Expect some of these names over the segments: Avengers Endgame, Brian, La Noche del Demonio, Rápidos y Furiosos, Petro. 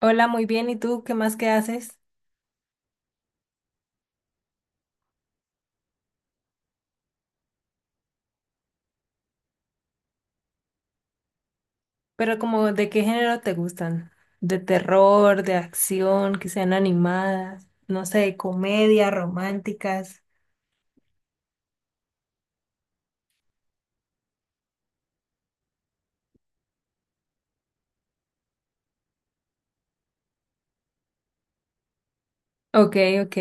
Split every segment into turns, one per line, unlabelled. Hola, muy bien. ¿Y tú qué más que haces? Pero como, ¿de qué género te gustan? ¿De terror, de acción, que sean animadas? No sé, comedia, románticas. Ok, ok.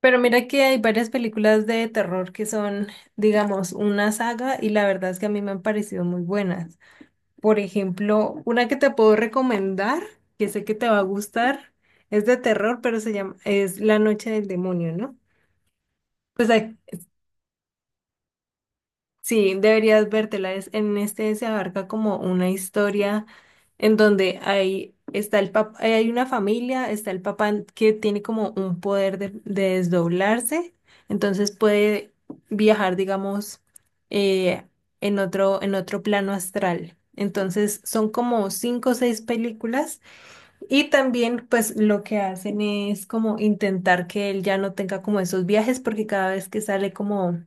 Pero mira que hay varias películas de terror que son, digamos, una saga y la verdad es que a mí me han parecido muy buenas. Por ejemplo, una que te puedo recomendar, que sé que te va a gustar, es de terror, pero se llama, es La Noche del Demonio, ¿no? Pues ac- Sí, deberías vértela. En este se abarca como una historia en donde hay, hay una familia, está el papá que tiene como un poder de desdoblarse, entonces puede viajar, digamos, eh, en otro plano astral. Entonces son como cinco o seis películas y también pues lo que hacen es como intentar que él ya no tenga como esos viajes porque cada vez que sale como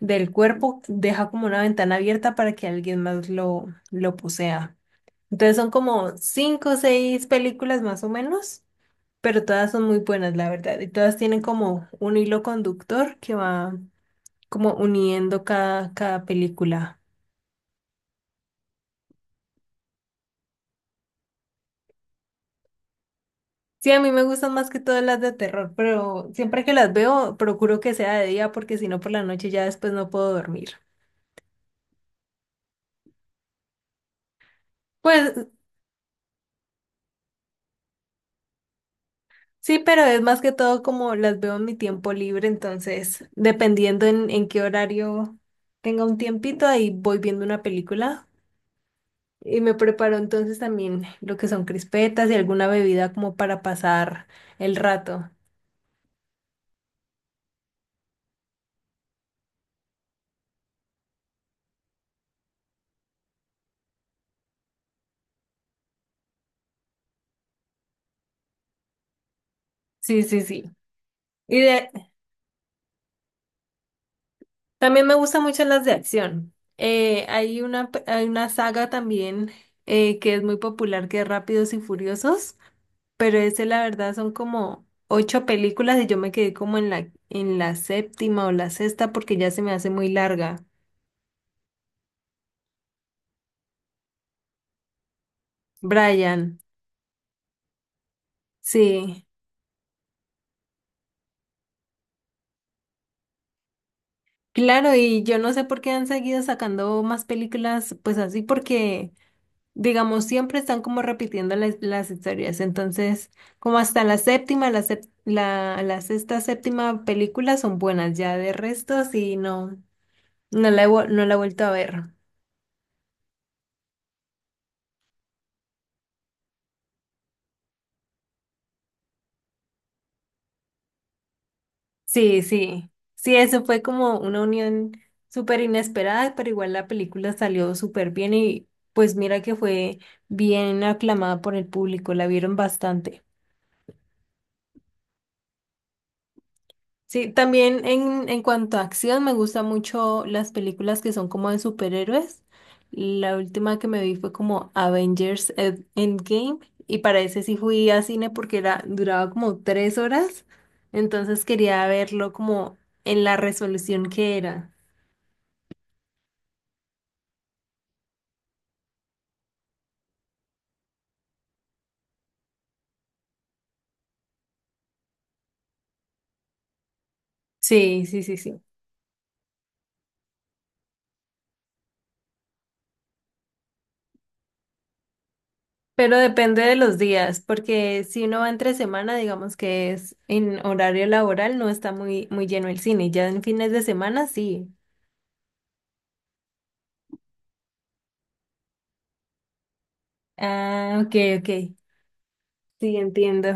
del cuerpo deja como una ventana abierta para que alguien más lo posea. Entonces son como cinco o seis películas más o menos, pero todas son muy buenas la verdad y todas tienen como un hilo conductor que va como uniendo cada, cada película. Sí, a mí me gustan más que todas las de terror, pero siempre que las veo procuro que sea de día porque si no por la noche ya después no puedo dormir. Pues sí, pero es más que todo como las veo en mi tiempo libre, entonces dependiendo en qué horario tenga un tiempito, ahí voy viendo una película y me preparo entonces también lo que son crispetas y alguna bebida como para pasar el rato. Sí, sí, sí. Y de, También me gustan mucho las de acción. Hay una, hay una saga también que es muy popular, que es Rápidos y Furiosos, pero ese la verdad son como ocho películas y yo me quedé como en la séptima o la sexta porque ya se me hace muy larga. Brian, sí. Claro, y yo no sé por qué han seguido sacando más películas pues así porque digamos, siempre están como repitiendo las historias. Entonces, como hasta la séptima, la, la sexta, séptima película son buenas. Ya de resto, sí, no, no la he vuelto a ver. Sí, sí. Sí, eso fue como una unión súper inesperada, pero igual la película salió súper bien y pues mira que fue bien aclamada por el público, la vieron bastante. Sí, también en cuanto a acción, me gustan mucho las películas que son como de superhéroes. La última que me vi fue como Endgame y para ese sí fui a cine porque era, duraba como tres horas, entonces quería verlo como en la resolución que era. Sí, sí, sí, sí. Pero depende de los días, porque si uno va entre semana, digamos que es en horario laboral, no está muy, muy lleno el cine. Ya en fines de semana, sí. Ah, ok, ok. Sí, entiendo.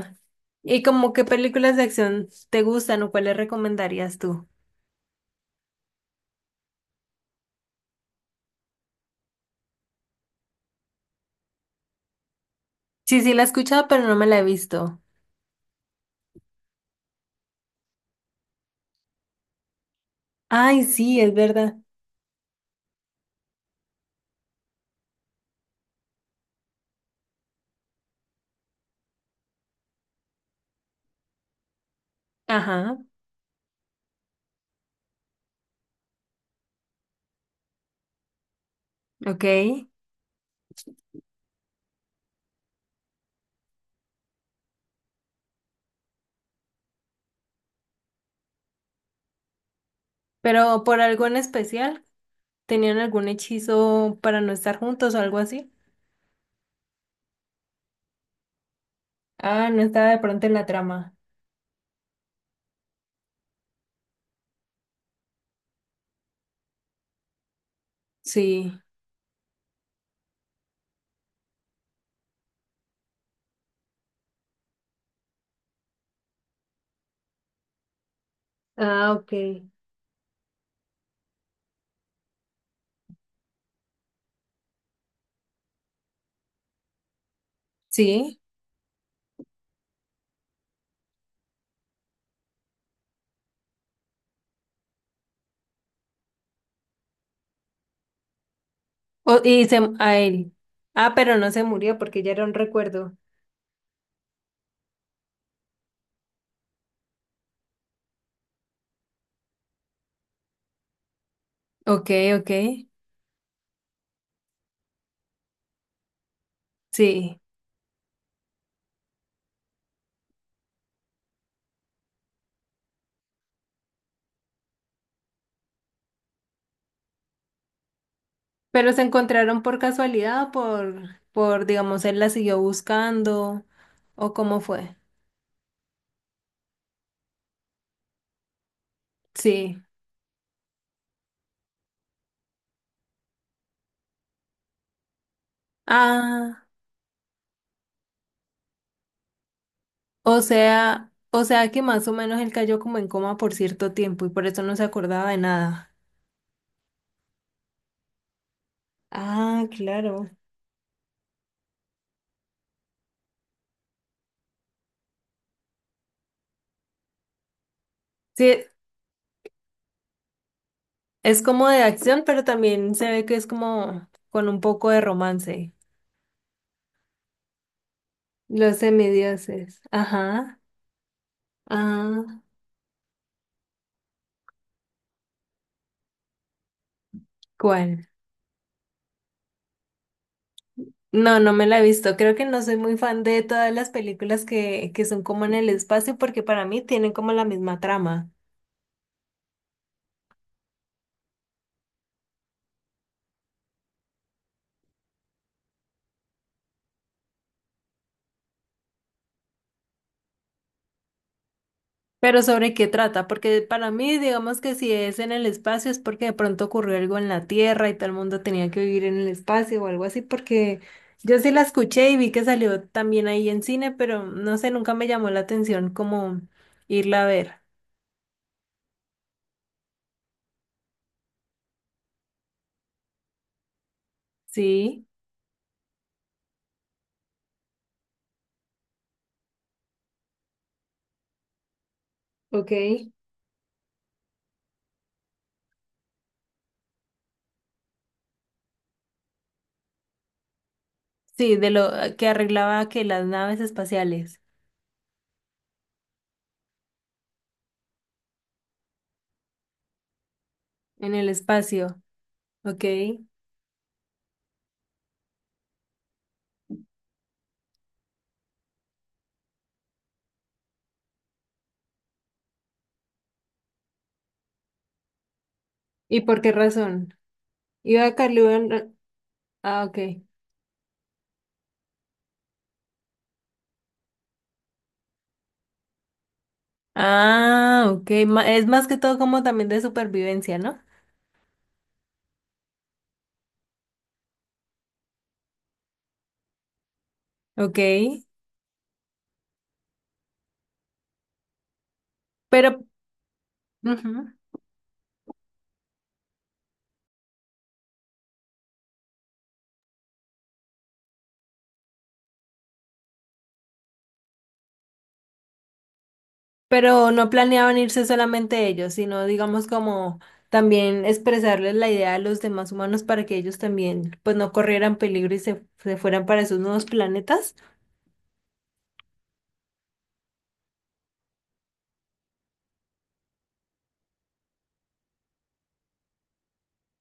¿Y como qué películas de acción te gustan o cuáles recomendarías tú? Sí, sí, la he escuchado, pero no me la he visto. Ay, sí, es verdad. Ajá, ok. Pero por algo en especial, ¿tenían algún hechizo para no estar juntos o algo así? Ah, no estaba de pronto en la trama. Sí. Ah, ok. Sí. Y se, a él. Ah, pero no se murió porque ya era un recuerdo. Ok, ok. Sí. Pero se encontraron por casualidad, o por, digamos, él la siguió buscando, o cómo fue. Sí. Ah, o sea que más o menos él cayó como en coma por cierto tiempo y por eso no se acordaba de nada. Ah, claro. Sí, es como de acción, pero también se ve que es como con un poco de romance. Los semidioses. Ajá. Ah, ¿cuál? No, no me la he visto. Creo que no soy muy fan de todas las películas que son como en el espacio porque para mí tienen como la misma trama. Pero ¿sobre qué trata? Porque para mí, digamos que si es en el espacio es porque de pronto ocurrió algo en la Tierra y todo el mundo tenía que vivir en el espacio o algo así porque yo sí la escuché y vi que salió también ahí en cine, pero no sé, nunca me llamó la atención como irla a ver. Sí, ok. Sí, de lo que arreglaba que las naves espaciales en el espacio. Ok. ¿Y por qué razón? Iba a Carlibán. Ah, ok. Ah, ok. Es más que todo como también de supervivencia, ¿no? Ok. Pero, ujú, pero no planeaban irse solamente ellos, sino digamos como también expresarles la idea a los demás humanos para que ellos también pues no corrieran peligro y se fueran para esos nuevos planetas.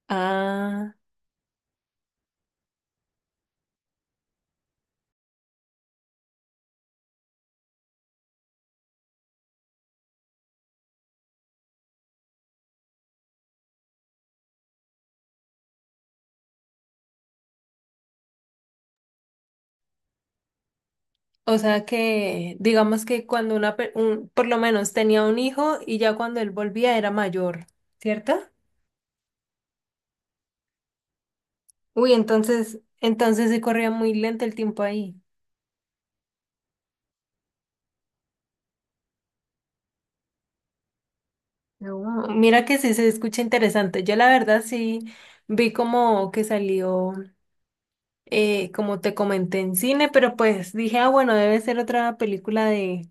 Ah, o sea que digamos que cuando una, pe- un- por lo menos tenía un hijo y ya cuando él volvía era mayor, ¿cierto? Uy, entonces, entonces se corría muy lento el tiempo ahí. No, mira que sí se escucha interesante. Yo la verdad sí vi como que salió, como te comenté en cine, pero pues dije, ah, bueno, debe ser otra película de,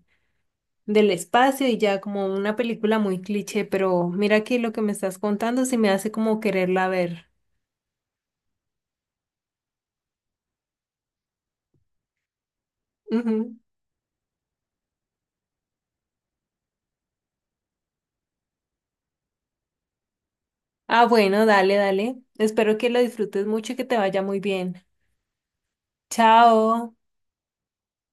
del espacio y ya como una película muy cliché, pero mira que lo que me estás contando sí me hace como quererla ver. Ujú. Ah, bueno, dale, dale. Espero que lo disfrutes mucho y que te vaya muy bien. Chao.